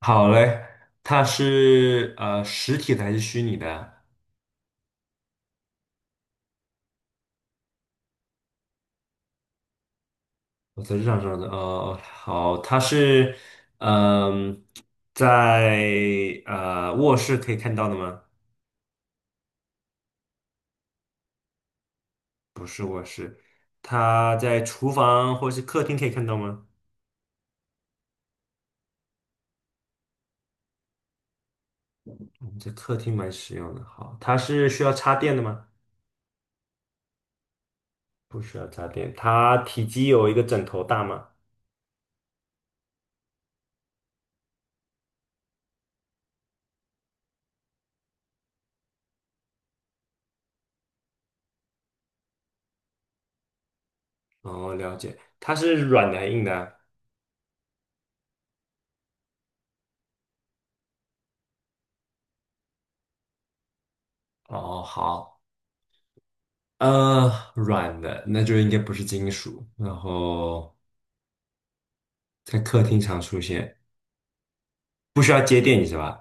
好嘞，它是实体的还是虚拟的？我在日常上的哦，好，它是嗯、在卧室可以看到的吗？它在厨房或是客厅可以看到吗？嗯在客厅蛮实用的。好，它是需要插电的吗？不需要插电。它体积有一个枕头大吗？哦，了解。它是软的还是硬的啊哦，好，呃，软的，那就应该不是金属。然后。在客厅常出现，不需要接电影是吧？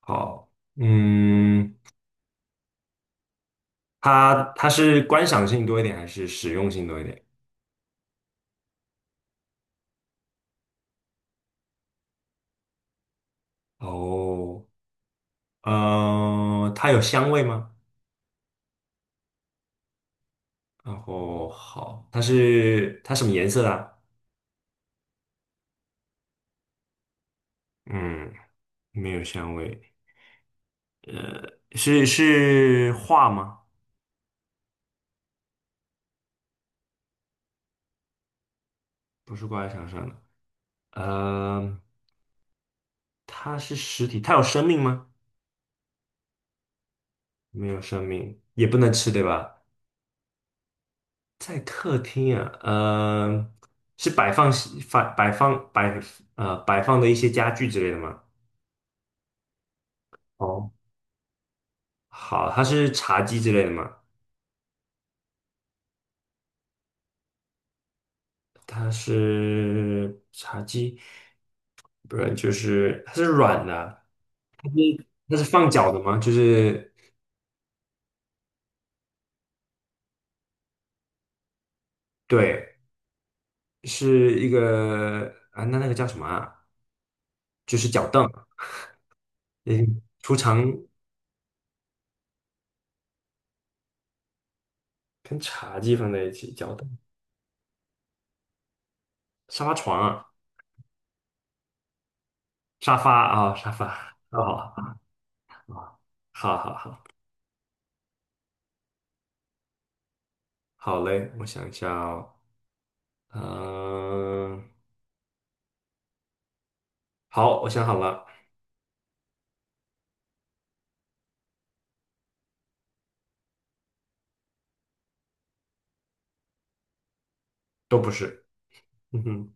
好，嗯，它是观赏性多一点还是实用性多一点？哦，它有香味吗？然后好，它是它什么颜色的啊嗯，没有香味，呃，是画吗？不是挂在墙上的，呃，它是实体，它有生命吗？没有生命，也不能吃，对吧？在客厅啊，呃，是摆放摆摆放摆摆放的一些家具之类的吗？哦，好，它是茶几之类的吗？它是茶几，不是，就是它是软的，它是放脚的吗？就是对，是一个啊，那那个叫什么啊？就是脚凳，嗯，储藏跟茶几放在一起，脚凳、沙发床啊，沙发啊，沙发，哦，好好好。好嘞，我想一下哦，嗯、好，我想好了，都不是，嗯哼，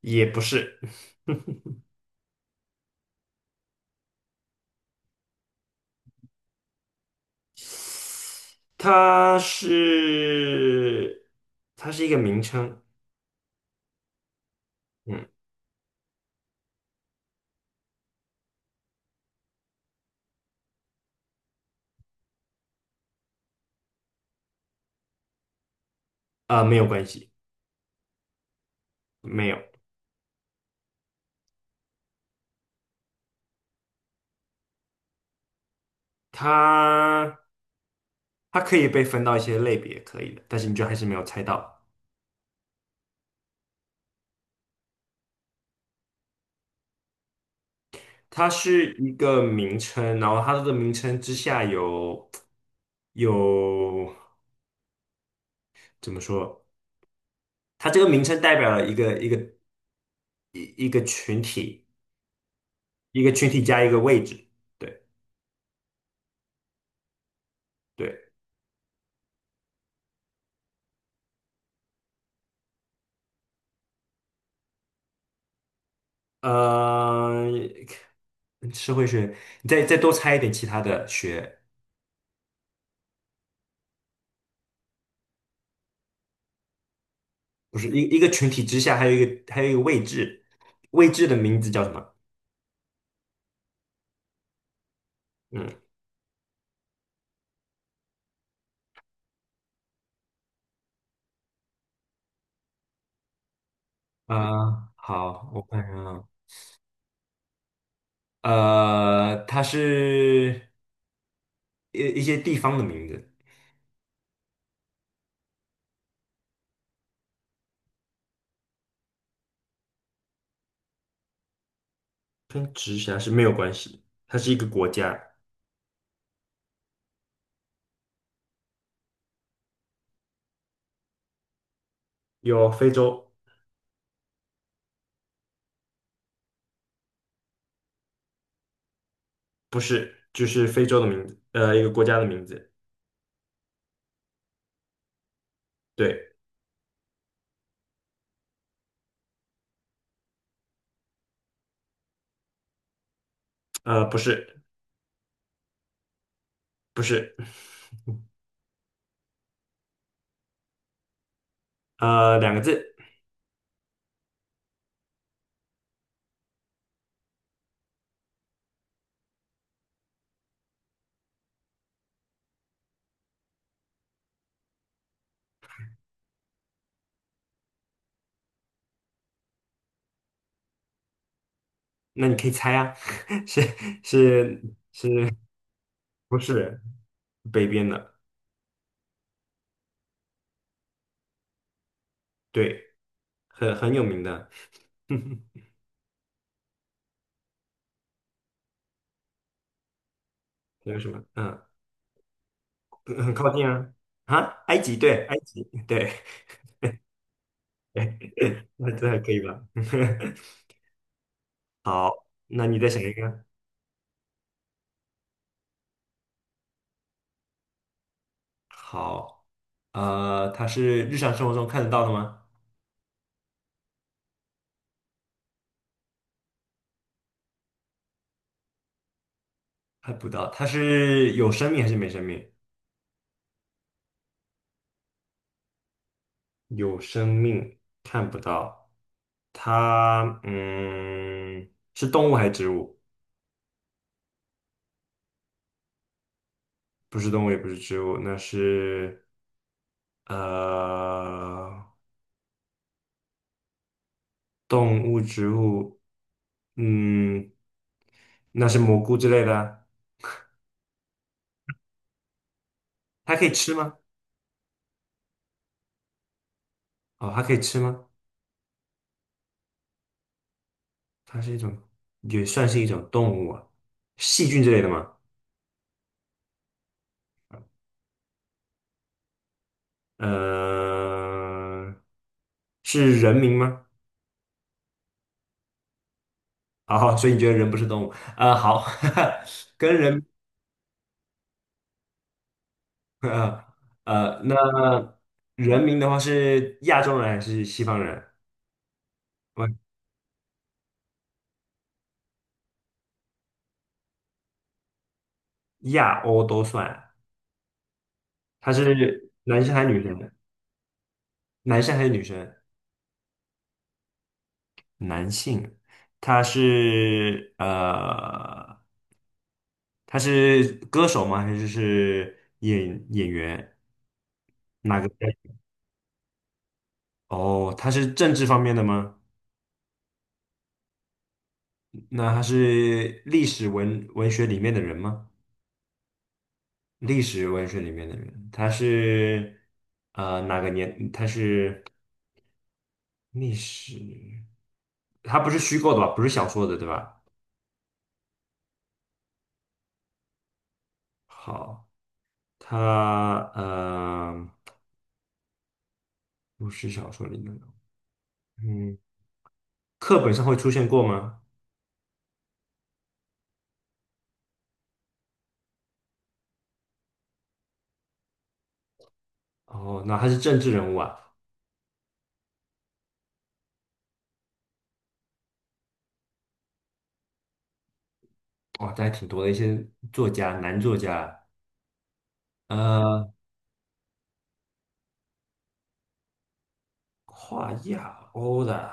也不是，它是，它是一个名称，嗯，没有关系，没有，它它可以被分到一些类别，可以的，但是你就还是没有猜到，它是一个名称，然后它的名称之下有有怎么说？它这个名称代表了一个群体，一个群体加一个位置，对对，呃，社会学，你再多猜一点其他的学，不是一个群体之下还有一个位置，位置的名字叫什么？嗯，啊，好，我看看啊，呃，它是一些地方的名字，跟直辖市没有关系，它是一个国家，有非洲，不是，就是非洲的名字，呃，一个国家的名字，对，呃，不是。不是，呃，两个字，那你可以猜啊，是是不是北边的？对，很有名的，还有什么？嗯，很靠近啊，啊，埃及，对，埃及，对，那这还可以吧？好，那你再想一个。好，呃，它是日常生活中看得到的吗？看不到，它是有生命还是没生命？有生命，看不到。它，嗯，是动物还是植物？不是动物也不是植物，那是呃动物植物，嗯，那是蘑菇之类的啊它可以吃吗？哦，它可以吃吗？它是一种，也算是一种动物啊，细菌之类的吗？呃，是人名吗？哦，所以你觉得人不是动物？好，跟人，呃那人名的话是亚洲人还是西方人？亚欧都算，他是男生还是女生？男生还是女生？男性，他是呃，他是歌手吗？还是演员？哪个？哦，他是政治方面的吗？那他是历史文学里面的人吗？历史文学里面的人，他是呃哪个年？他是历史，他不是虚构的吧？不是小说的，对吧？好。他呃，不是小说里面的，嗯，课本上会出现过吗？哦，那他是政治人物啊，哦，这还挺多的一些作家，男作家，呃，跨亚欧的，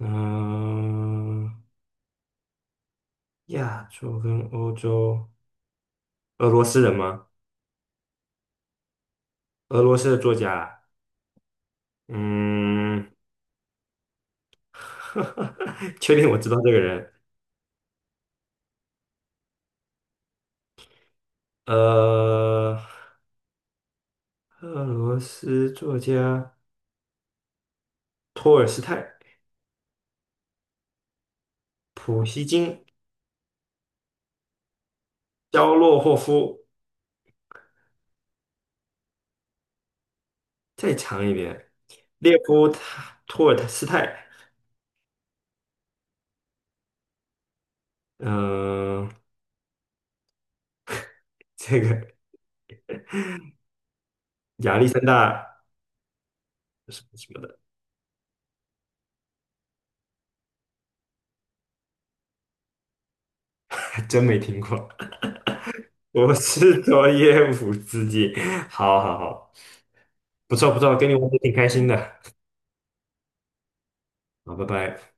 嗯、亚洲跟欧洲，俄罗斯人吗？俄罗斯的作家，嗯，确定我知道这个人，呃，俄罗斯作家托尔斯泰、普希金。肖洛霍夫，再长一点，列夫塔托尔斯泰，嗯、这个亚历山大什么什么的，还真没听过。我是佐耶夫斯基，好好好，不错不错，跟你玩的挺开心的，好，拜拜。